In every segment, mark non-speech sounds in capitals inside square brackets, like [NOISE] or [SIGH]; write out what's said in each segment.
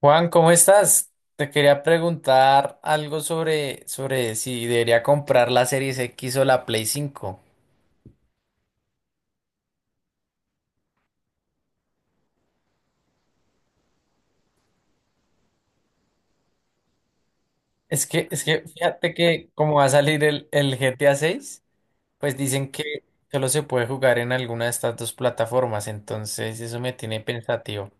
Juan, ¿cómo estás? Te quería preguntar algo sobre si debería comprar la Series X o la Play 5. Es que fíjate que como va a salir el GTA 6, pues dicen que solo se puede jugar en alguna de estas dos plataformas, entonces eso me tiene pensativo.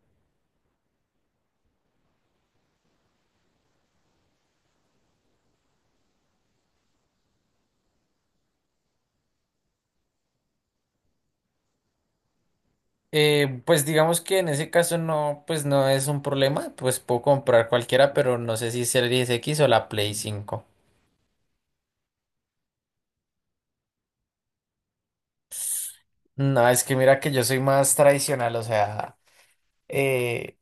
Pues digamos que en ese caso no, pues no es un problema, pues puedo comprar cualquiera, pero no sé si Series X o la Play cinco. No, es que mira que yo soy más tradicional, o sea... eh,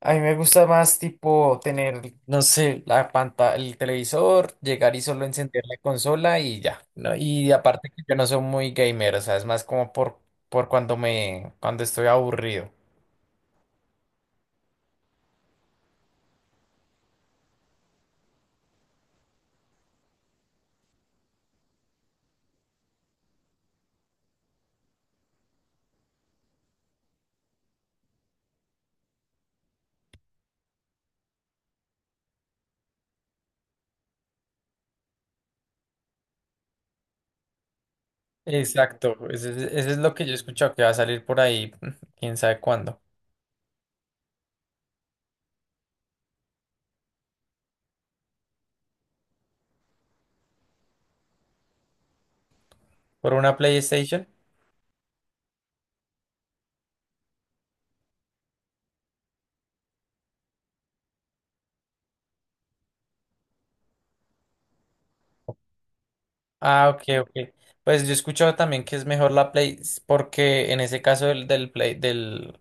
A mí me gusta más tipo tener, no sé, la pantalla, el televisor, llegar y solo encender la consola y ya, ¿no? Y aparte que yo no soy muy gamer, o sea, es más como por cuando cuando estoy aburrido. Exacto, ese es lo que yo he escuchado que va a salir por ahí, [LAUGHS] quién sabe cuándo. ¿Por una PlayStation? Ah, ok, ok. Pues yo he escuchado también que es mejor la Play, porque en ese caso del Play, del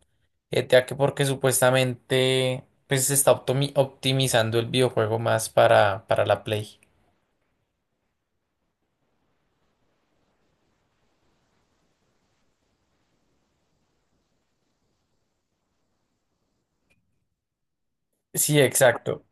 GTA, que porque supuestamente pues se está optimizando el videojuego más para la Play. Sí, exacto,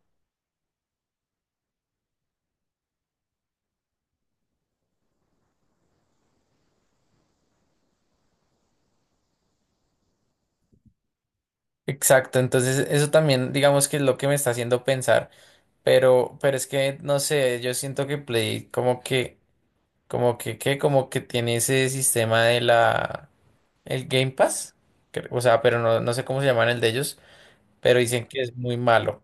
exacto. Entonces eso también digamos que es lo que me está haciendo pensar, pero es que no sé, yo siento que Play como que, ¿qué? Como que tiene ese sistema de la, el Game Pass, o sea, pero no, no sé cómo se llaman el de ellos, pero dicen que es muy malo.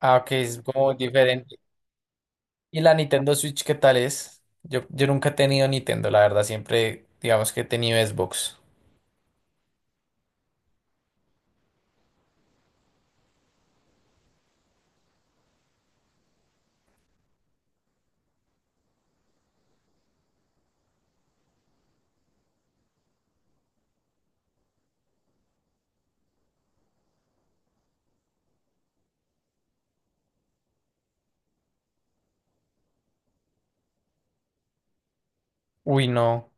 Ah, que es como diferente. ¿Y la Nintendo Switch qué tal es? Yo nunca he tenido Nintendo, la verdad, siempre digamos que he tenido Xbox. Uy, no.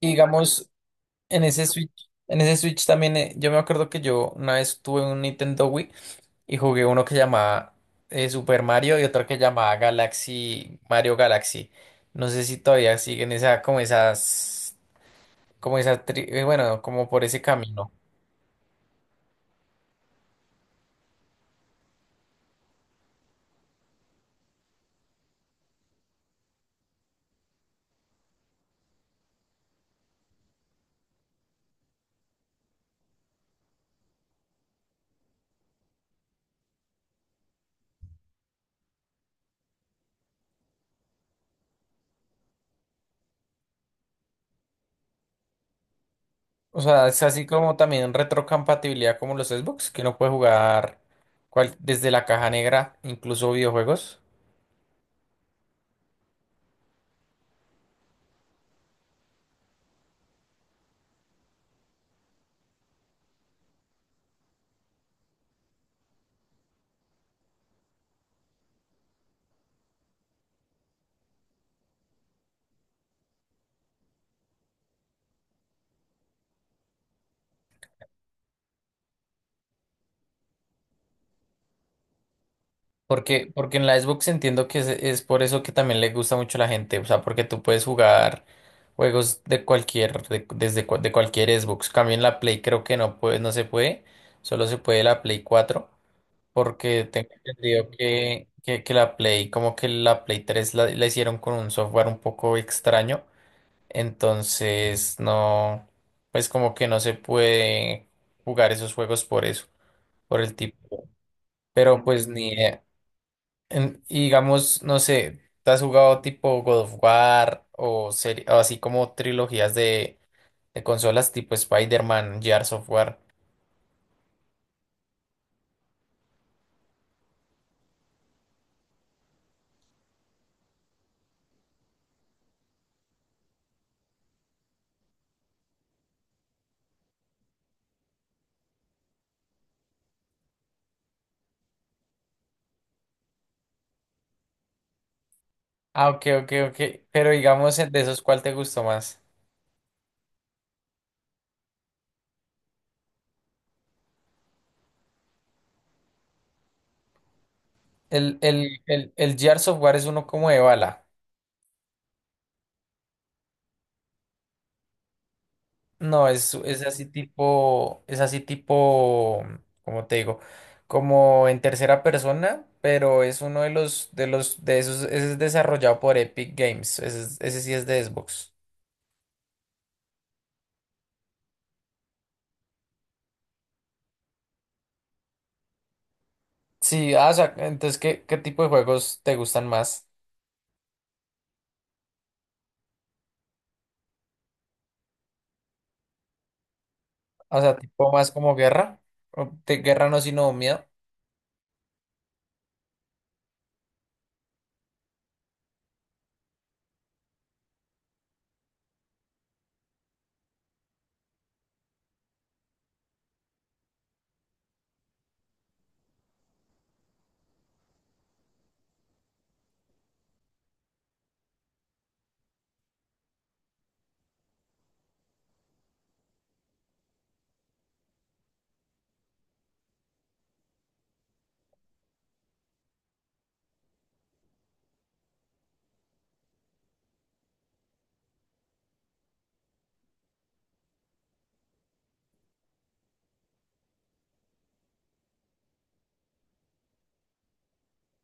Y digamos, en ese Switch también, yo me acuerdo que yo una vez tuve un Nintendo Wii y jugué uno que llamaba Super Mario y otro que llamaba Galaxy, Mario Galaxy. No sé si todavía siguen esa, como esas, como esa, bueno, como por ese camino. O sea, es así como también retrocompatibilidad como los Xbox, que uno puede jugar desde la caja negra, incluso videojuegos. Porque en la Xbox entiendo que es por eso que también le gusta mucho a la gente. O sea, porque tú puedes jugar juegos de cualquier, desde de cualquier Xbox. Cambio en la Play creo que no puede, no se puede. Solo se puede la Play 4. Porque tengo entendido que la Play, como que la Play 3 la hicieron con un software un poco extraño. Entonces, no, pues como que no se puede jugar esos juegos por eso, por el tipo. Pero pues ni idea. Y digamos, no sé, ¿te has jugado tipo God of War o, o así como trilogías de consolas tipo Spider-Man, Gears of War? Ah, ok, ok, ok. Pero digamos, de esos, ¿cuál te gustó más? El Gears of War es uno como de bala. No, es así tipo, como te digo, como en tercera persona, pero es uno de de esos, ese es desarrollado por Epic Games, ese sí es de Xbox. Sí, ah, o sea, entonces, ¿qué tipo de juegos te gustan más? O sea, tipo más como guerra, o de guerra no, sino miedo.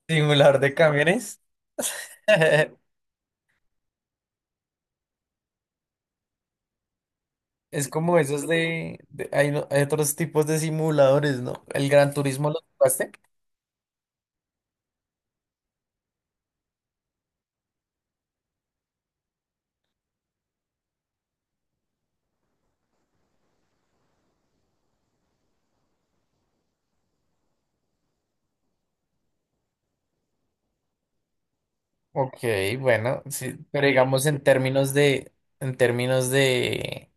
Simulador de camiones. [LAUGHS] Es como esos hay, hay otros tipos de simuladores, ¿no? El Gran Turismo, ¿lo jugaste? Ok, bueno, sí, pero digamos en términos de,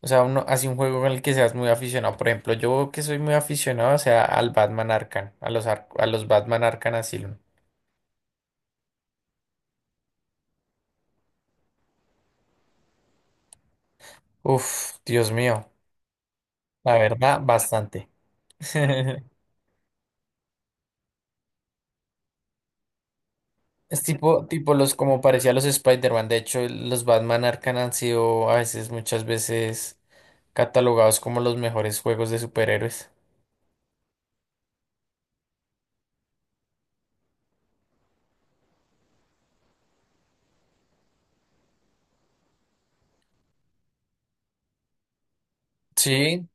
o sea, uno hace un juego con el que seas muy aficionado. Por ejemplo, yo que soy muy aficionado, o sea, al Batman Arkham, a a los Batman Arkham Asylum. Uf, Dios mío, la verdad, bastante. [LAUGHS] Es tipo, tipo los, como parecía los Spider-Man. De hecho, los Batman Arkham han sido a veces, muchas veces, catalogados como los mejores juegos de superhéroes. Sí.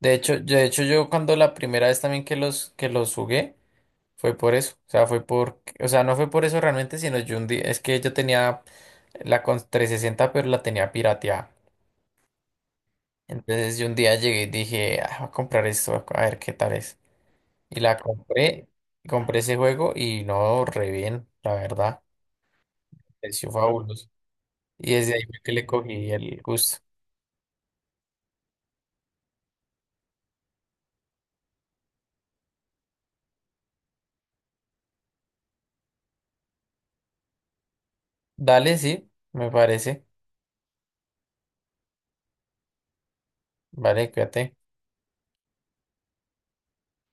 De hecho yo cuando la primera vez también que los jugué fue por eso, o sea, fue por, o sea, no fue por eso realmente, sino yo un día, es que yo tenía la con 360, pero la tenía pirateada. Entonces yo un día llegué y dije: "Ah, voy a comprar esto, a ver qué tal es". Y la compré, compré ese juego y no, re bien, la verdad, me pareció fabuloso. Y desde ahí fue que le cogí el gusto. Dale, sí, me parece. Vale, cuídate.